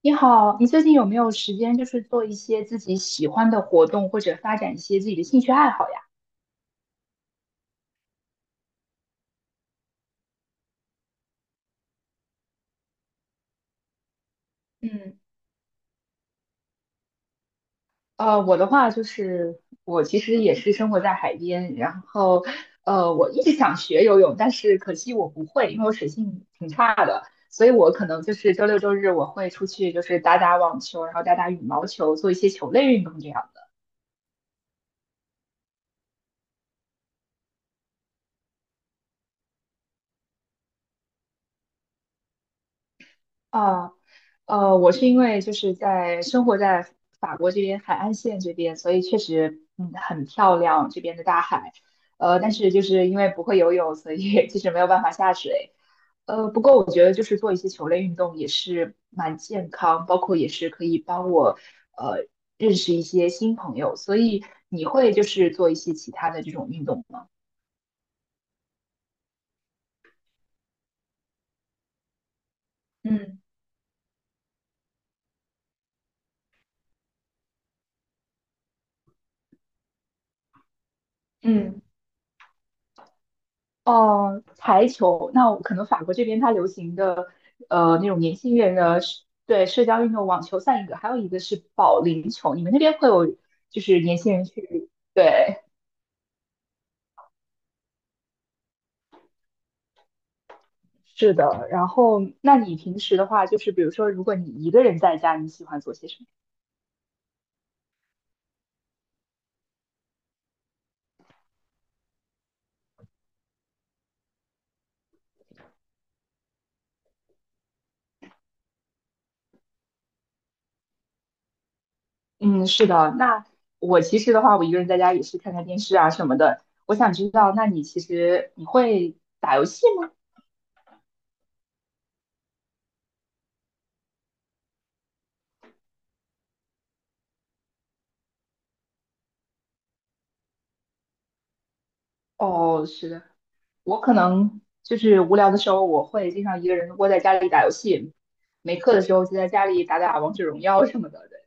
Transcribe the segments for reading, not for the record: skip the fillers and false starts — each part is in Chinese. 你好，你最近有没有时间，就是做一些自己喜欢的活动，或者发展一些自己的兴趣爱好呀？嗯我的话就是我其实也是生活在海边，然后我一直想学游泳，但是可惜我不会，因为我水性挺差的，所以我可能就是周六周日我会出去就是打打网球，然后打打羽毛球，做一些球类运动这样。啊，我是因为就是在生活在法国这边海岸线这边，所以确实嗯很漂亮这边的大海，但是就是因为不会游泳，所以 其实没有办法下水。不过我觉得就是做一些球类运动也是蛮健康，包括也是可以帮我呃认识一些新朋友。所以你会就是做一些其他的这种运动吗？嗯嗯，哦，台球，那我可能法国这边它流行的，那种年轻人的社对，社交运动，网球算一个，还有一个是保龄球。你们那边会有，就是年轻人去，对，是的。然后，那你平时的话，就是比如说，如果你一个人在家，你喜欢做些什么？嗯，是的。那我其实的话，我一个人在家也是看看电视啊什么的。我想知道，那你其实你会打游戏吗？哦，是的。我可能就是无聊的时候，我会经常一个人窝在家里打游戏，没课的时候就在家里打打王者荣耀什么的。对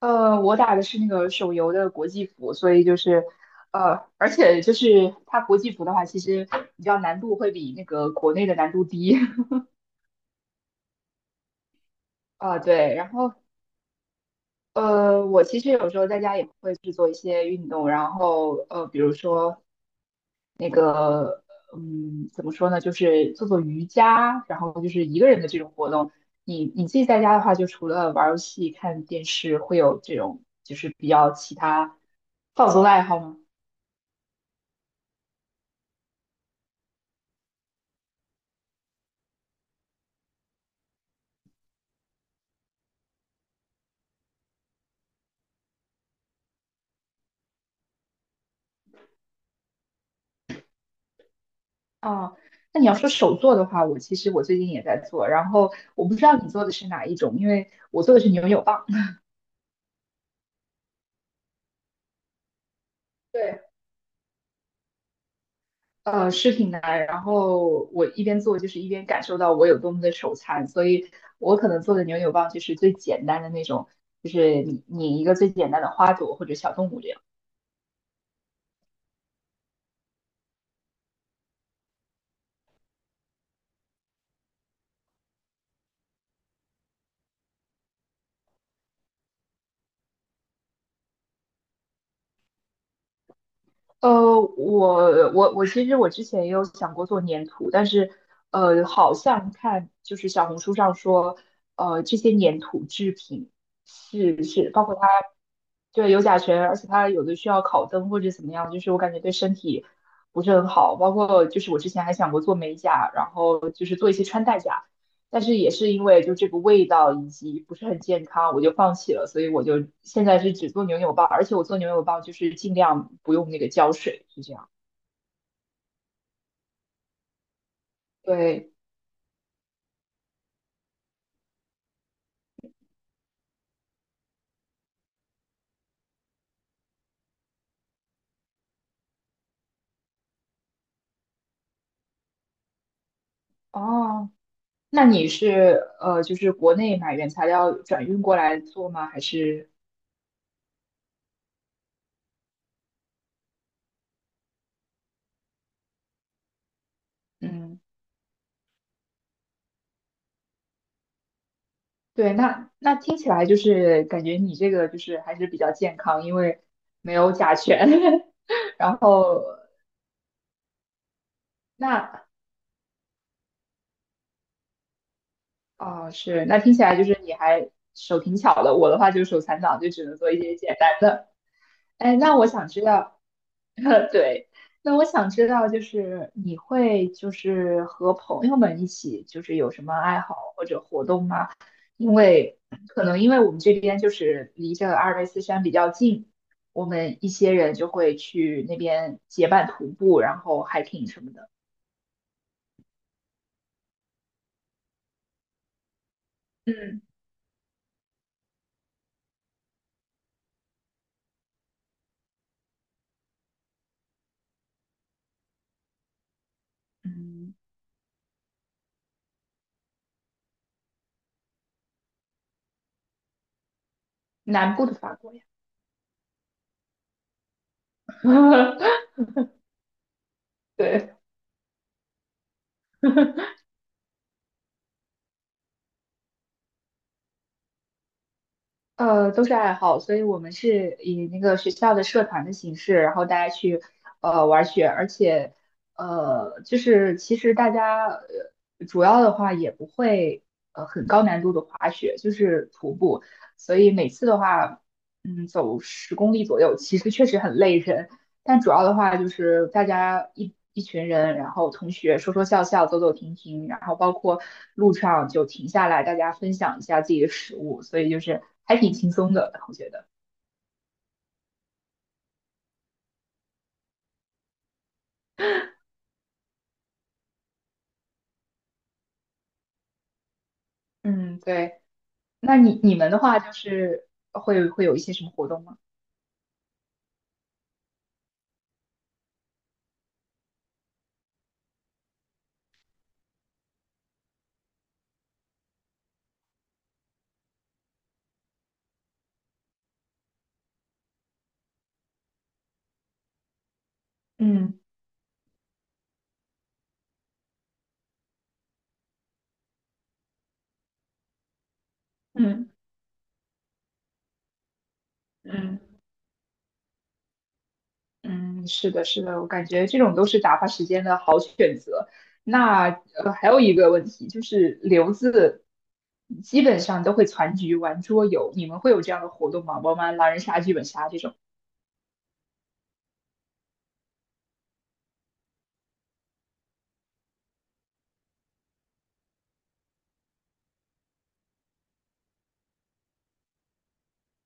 我打的是那个手游的国际服，所以就是，而且就是它国际服的话，其实比较难度会比那个国内的难度低。啊，对，然后我其实有时候在家也会去做一些运动，然后比如说那个，嗯，怎么说呢，就是做做瑜伽，然后就是一个人的这种活动。你自己在家的话，就除了玩儿游戏、看电视，会有这种就是比较其他放松的爱好吗？啊，那你要说手作的话，我其实我最近也在做，然后我不知道你做的是哪一种，因为我做的是扭扭棒。对。视频来，然后我一边做就是一边感受到我有多么的手残，所以我可能做的扭扭棒就是最简单的那种，就是你一个最简单的花朵或者小动物这样。我其实我之前也有想过做粘土，但是好像看就是小红书上说，这些粘土制品是包括它。对，有甲醛，而且它有的需要烤灯或者怎么样，就是我感觉对身体不是很好。包括就是我之前还想过做美甲，然后就是做一些穿戴甲，但是也是因为就这个味道以及不是很健康，我就放弃了。所以我就现在是只做牛油棒，而且我做牛油棒就是尽量不用那个胶水，是这样。对，哦，那你是就是国内买原材料转运过来做吗？还是嗯？对，那那听起来就是感觉你这个就是还是比较健康，因为没有甲醛。然后那哦是，那听起来就是你还手挺巧的。我的话就是手残党，就只能做一些简单的。哎，那我想知道，对，那我想知道，就是你会就是和朋友们一起，就是有什么爱好或者活动吗？因为可能因为我们这边就是离这个阿尔卑斯山比较近，我们一些人就会去那边结伴徒步，然后 hiking 什么的。嗯嗯，南部的法国呀。对。都是爱好，所以我们是以那个学校的社团的形式，然后大家去玩雪，而且就是其实大家主要的话也不会很高难度的滑雪，就是徒步，所以每次的话，嗯，走10公里左右，其实确实很累人，但主要的话就是大家一群人，然后同学说说笑笑，走走停停，然后包括路上就停下来，大家分享一下自己的食物，所以就是还挺轻松的，我觉得。嗯，对。那你们的话就是会有一些什么活动吗？嗯嗯嗯。嗯，是的，是的，我感觉这种都是打发时间的好选择。那还有一个问题就是留子基本上都会攒局玩桌游，你们会有这样的活动吗？玩玩狼人杀、剧本杀这种？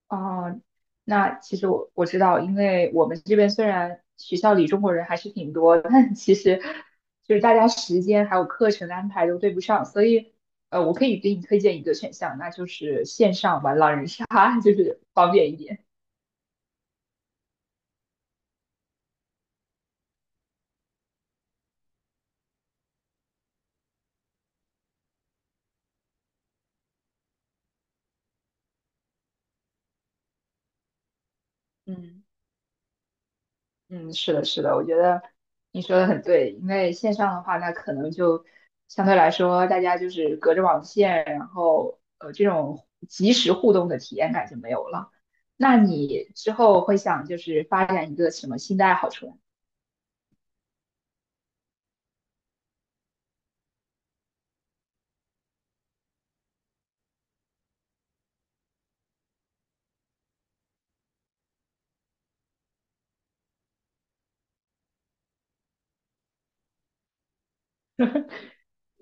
啊、那其实我知道，因为我们这边虽然学校里中国人还是挺多的，但其实就是大家时间还有课程的安排都对不上，所以我可以给你推荐一个选项，那就是线上玩狼人杀，就是方便一点。嗯。嗯，是的，是的，我觉得你说的很对，因为线上的话，那可能就相对来说，大家就是隔着网线，然后这种即时互动的体验感就没有了。那你之后会想就是发展一个什么新的爱好出来吗？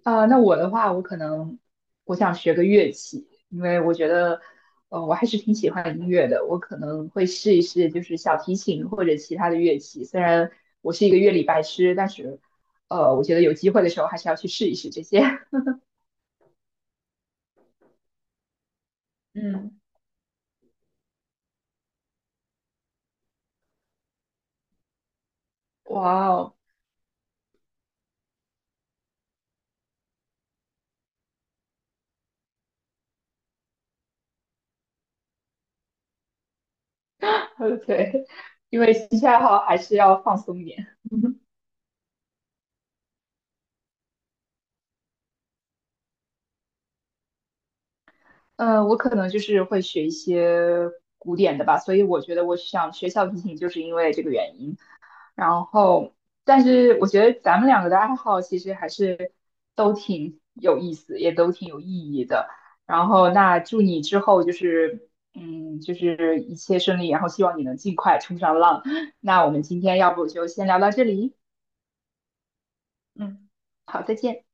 啊、那我的话，我可能我想学个乐器，因为我觉得，我还是挺喜欢音乐的。我可能会试一试，就是小提琴或者其他的乐器。虽然我是一个乐理白痴，但是，我觉得有机会的时候还是要去试一试这些。嗯，哇哦，对，因为兴趣爱好还是要放松一点。嗯，我可能就是会学一些古典的吧，所以我觉得我想学小提琴，就是因为这个原因。然后，但是我觉得咱们两个的爱好其实还是都挺有意思，也都挺有意义的。然后，那祝你之后就是，嗯，就是一切顺利，然后希望你能尽快冲上浪。那我们今天要不就先聊到这里，嗯，好，再见。